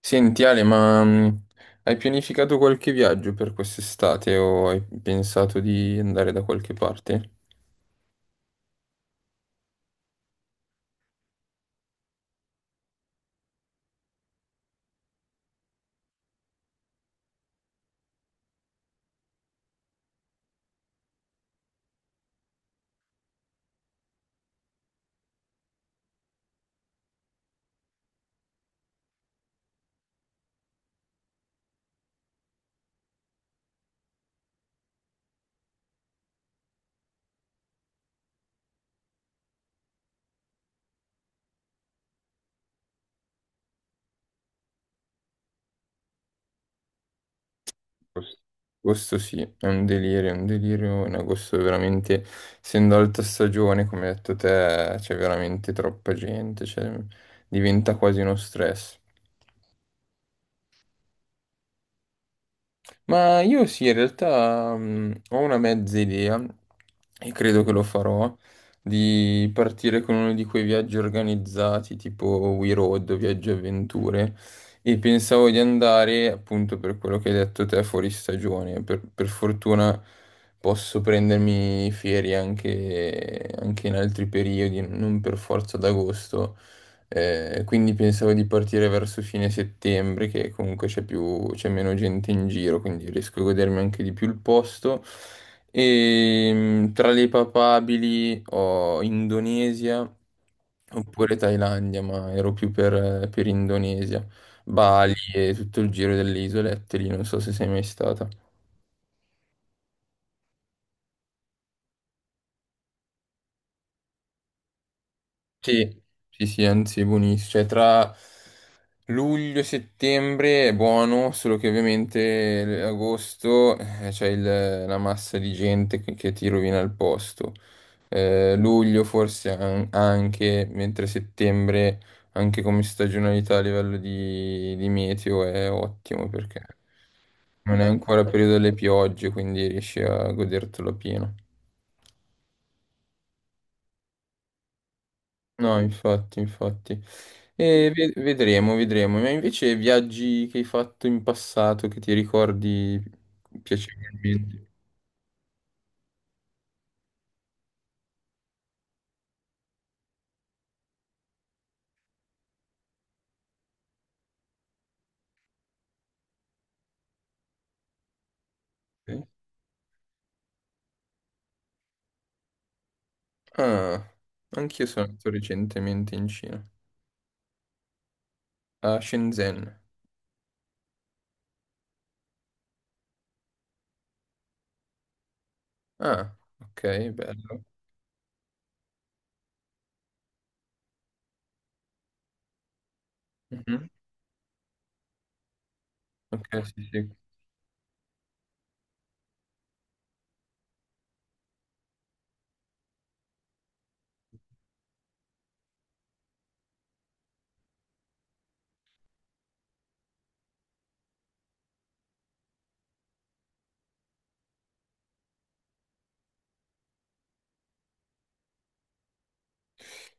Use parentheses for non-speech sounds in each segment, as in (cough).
Senti Ale, ma hai pianificato qualche viaggio per quest'estate o hai pensato di andare da qualche parte? Agosto Agosto sì, è un delirio, è un delirio. In agosto è veramente, essendo alta stagione, come hai detto te, c'è veramente troppa gente, cioè, diventa quasi uno stress. Ma io sì, in realtà ho una mezza idea e credo che lo farò di partire con uno di quei viaggi organizzati tipo We Road o Viaggi e Avventure e pensavo di andare appunto per quello che hai detto te fuori stagione. Per fortuna posso prendermi ferie anche in altri periodi, non per forza ad agosto. Quindi pensavo di partire verso fine settembre, che comunque c'è meno gente in giro, quindi riesco a godermi anche di più il posto. E tra le papabili ho Indonesia oppure Thailandia, ma ero più per Indonesia, Bali e tutto il giro delle isolette lì, non so se sei mai stata. Sì, sì, sì, anzi è buonissimo. Cioè, tra luglio e settembre è buono, solo che ovviamente agosto c'è la massa di gente che ti rovina il posto. Luglio forse anche, mentre settembre, anche come stagionalità a livello di meteo, è ottimo perché non è ancora periodo delle piogge, quindi riesci a godertelo pieno. No, infatti, infatti. Mm. E vedremo, vedremo. Ma invece viaggi che hai fatto in passato che ti ricordi piacevolmente? Ok. Ah, anch'io sono andato recentemente in Cina, a Shenzhen. Ah, ok, bello. Mhm. Ok, sì, sì.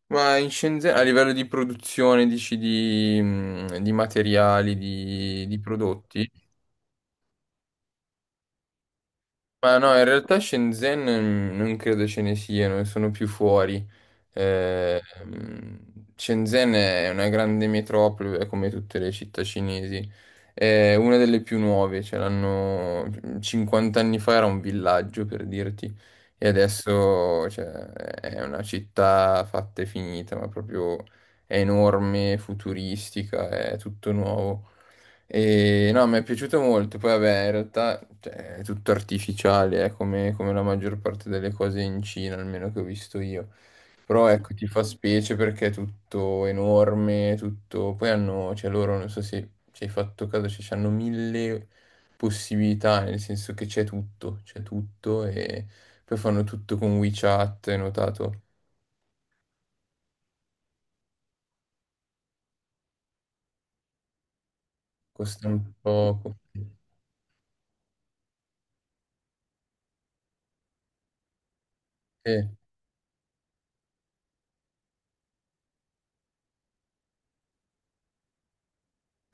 Ma in Shenzhen, a livello di produzione, dici di materiali, di prodotti? Ma no, in realtà Shenzhen non credo ce ne siano, sono più fuori. Eh, mm, Shenzhen è una grande metropoli, è come tutte le città cinesi. È una delle più nuove, ce l'hanno 50 anni fa era un villaggio per dirti, e adesso cioè, è una città fatta e finita, ma proprio è enorme, futuristica, è tutto nuovo. E no, mi è piaciuto molto. Poi, vabbè, in realtà cioè, è tutto artificiale, come la maggior parte delle cose in Cina, almeno che ho visto io. Però ecco, ti fa specie perché è tutto enorme, tutto. Poi hanno, cioè loro, non so se ci hai fatto caso, cioè, hanno mille possibilità, nel senso che c'è tutto e poi fanno tutto con WeChat, hai notato? Costa un poco.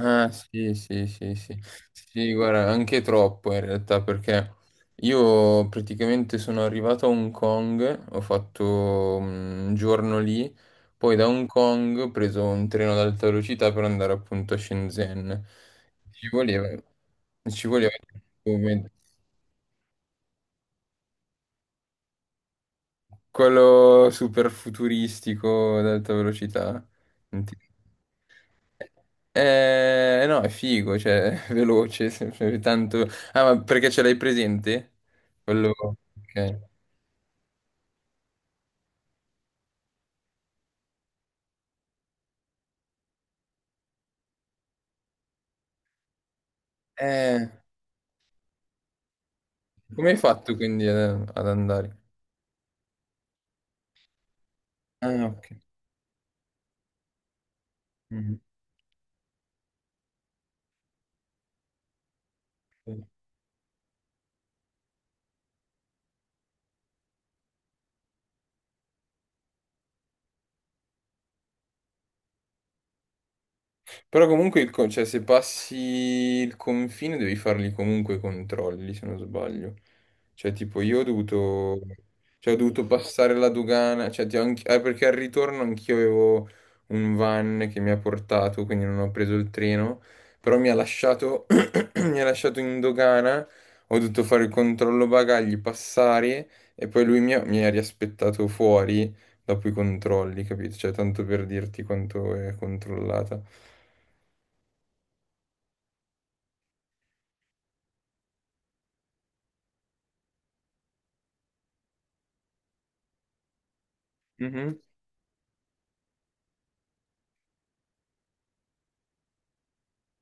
Ah, sì, sì, sì, sì. Sì, guarda, anche troppo in realtà, perché io praticamente sono arrivato a Hong Kong, ho fatto un giorno lì, poi da Hong Kong ho preso un treno ad alta velocità per andare appunto a Shenzhen. Ci voleva, ci voleva come quello super futuristico ad alta velocità. No, è figo, cioè, (laughs) veloce, sempre tanto. Ah, ma perché ce l'hai presente? Quello. Ok. Eh, Come hai fatto quindi ad andare? Ah, ok. Mhm. Però comunque, cioè, se passi il confine devi farli comunque i controlli, se non sbaglio. Cioè, tipo, cioè, ho dovuto passare la dogana, cioè, perché al ritorno anch'io avevo un van che mi ha portato, quindi non ho preso il treno, però mi ha lasciato, (clears throat) mi ha lasciato in dogana, ho dovuto fare il controllo bagagli, passare, e poi lui mi ha riaspettato fuori dopo i controlli, capito? Cioè, tanto per dirti quanto è controllata. Mhm.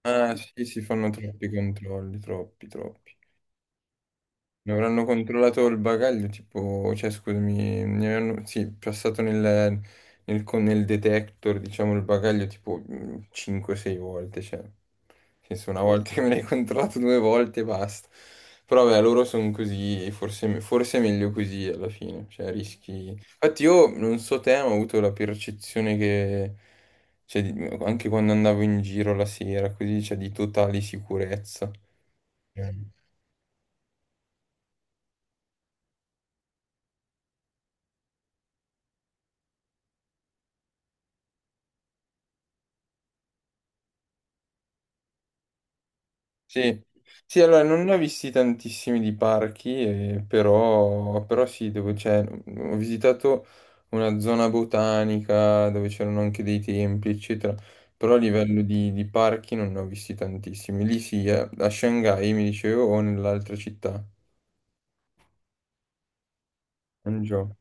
Ah, sì, si fanno troppi controlli, troppi, troppi. Mi avranno controllato il bagaglio, tipo, cioè scusami, mi avranno, sì, passato nel detector, diciamo, il bagaglio tipo 5-6 volte, cioè, nel senso, una volta che me l'hai controllato due volte e basta. Però vabbè, loro sono così, forse è meglio così alla fine, cioè rischi. Infatti io, non so te, ma ho avuto la percezione che, cioè, anche quando andavo in giro la sera, così, cioè, di totale sicurezza. Sì, sì, allora non ne ho visti tantissimi di parchi, però sì, dove c'è, ho visitato una zona botanica dove c'erano anche dei templi, eccetera, però a livello di parchi non ne ho visti tantissimi. Lì sì, a Shanghai mi dicevo o nell'altra città, Hangzhou.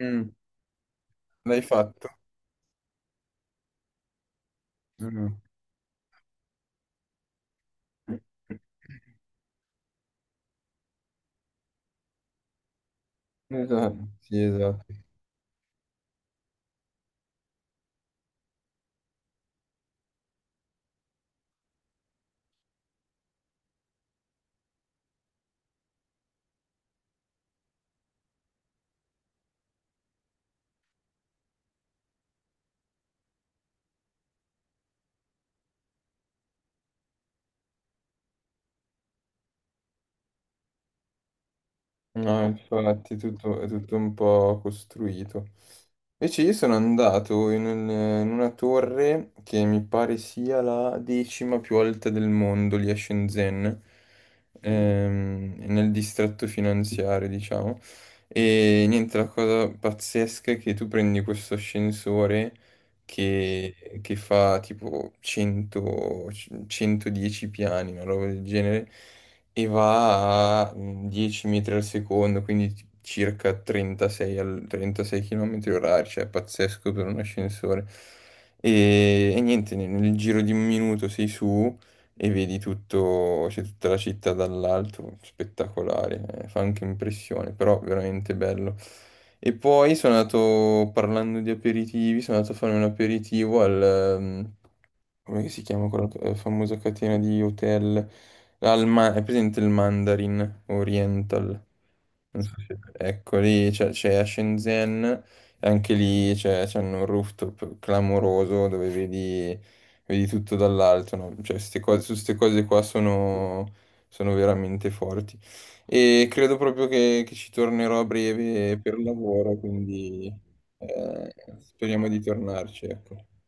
Mm, L'hai fatto? Mm. Esatto, sì, esatto. No, infatti è tutto un po' costruito. Invece io sono andato in una torre che mi pare sia la decima più alta del mondo, lì a Shenzhen, nel distretto finanziario, diciamo. E niente, la cosa pazzesca è che tu prendi questo ascensore che fa tipo 100, 110 piani, una roba del genere, e va a 10 metri al secondo, quindi circa 36 km orari, cioè è pazzesco per un ascensore. E niente, nel giro di un minuto sei su e vedi tutto, c'è tutta la città dall'alto, spettacolare, fa anche impressione, però veramente bello. E poi sono andato, parlando di aperitivi, sono andato a fare un aperitivo come si chiama quella famosa catena di hotel? È presente il Mandarin Oriental? Non so se- Ecco, lì c'è a Shenzhen, e anche lì c'è un rooftop clamoroso dove vedi tutto dall'alto, no? Cioè, su queste cose qua sono veramente forti. E credo proprio che ci tornerò a breve per lavoro, quindi eh, speriamo di tornarci, ecco.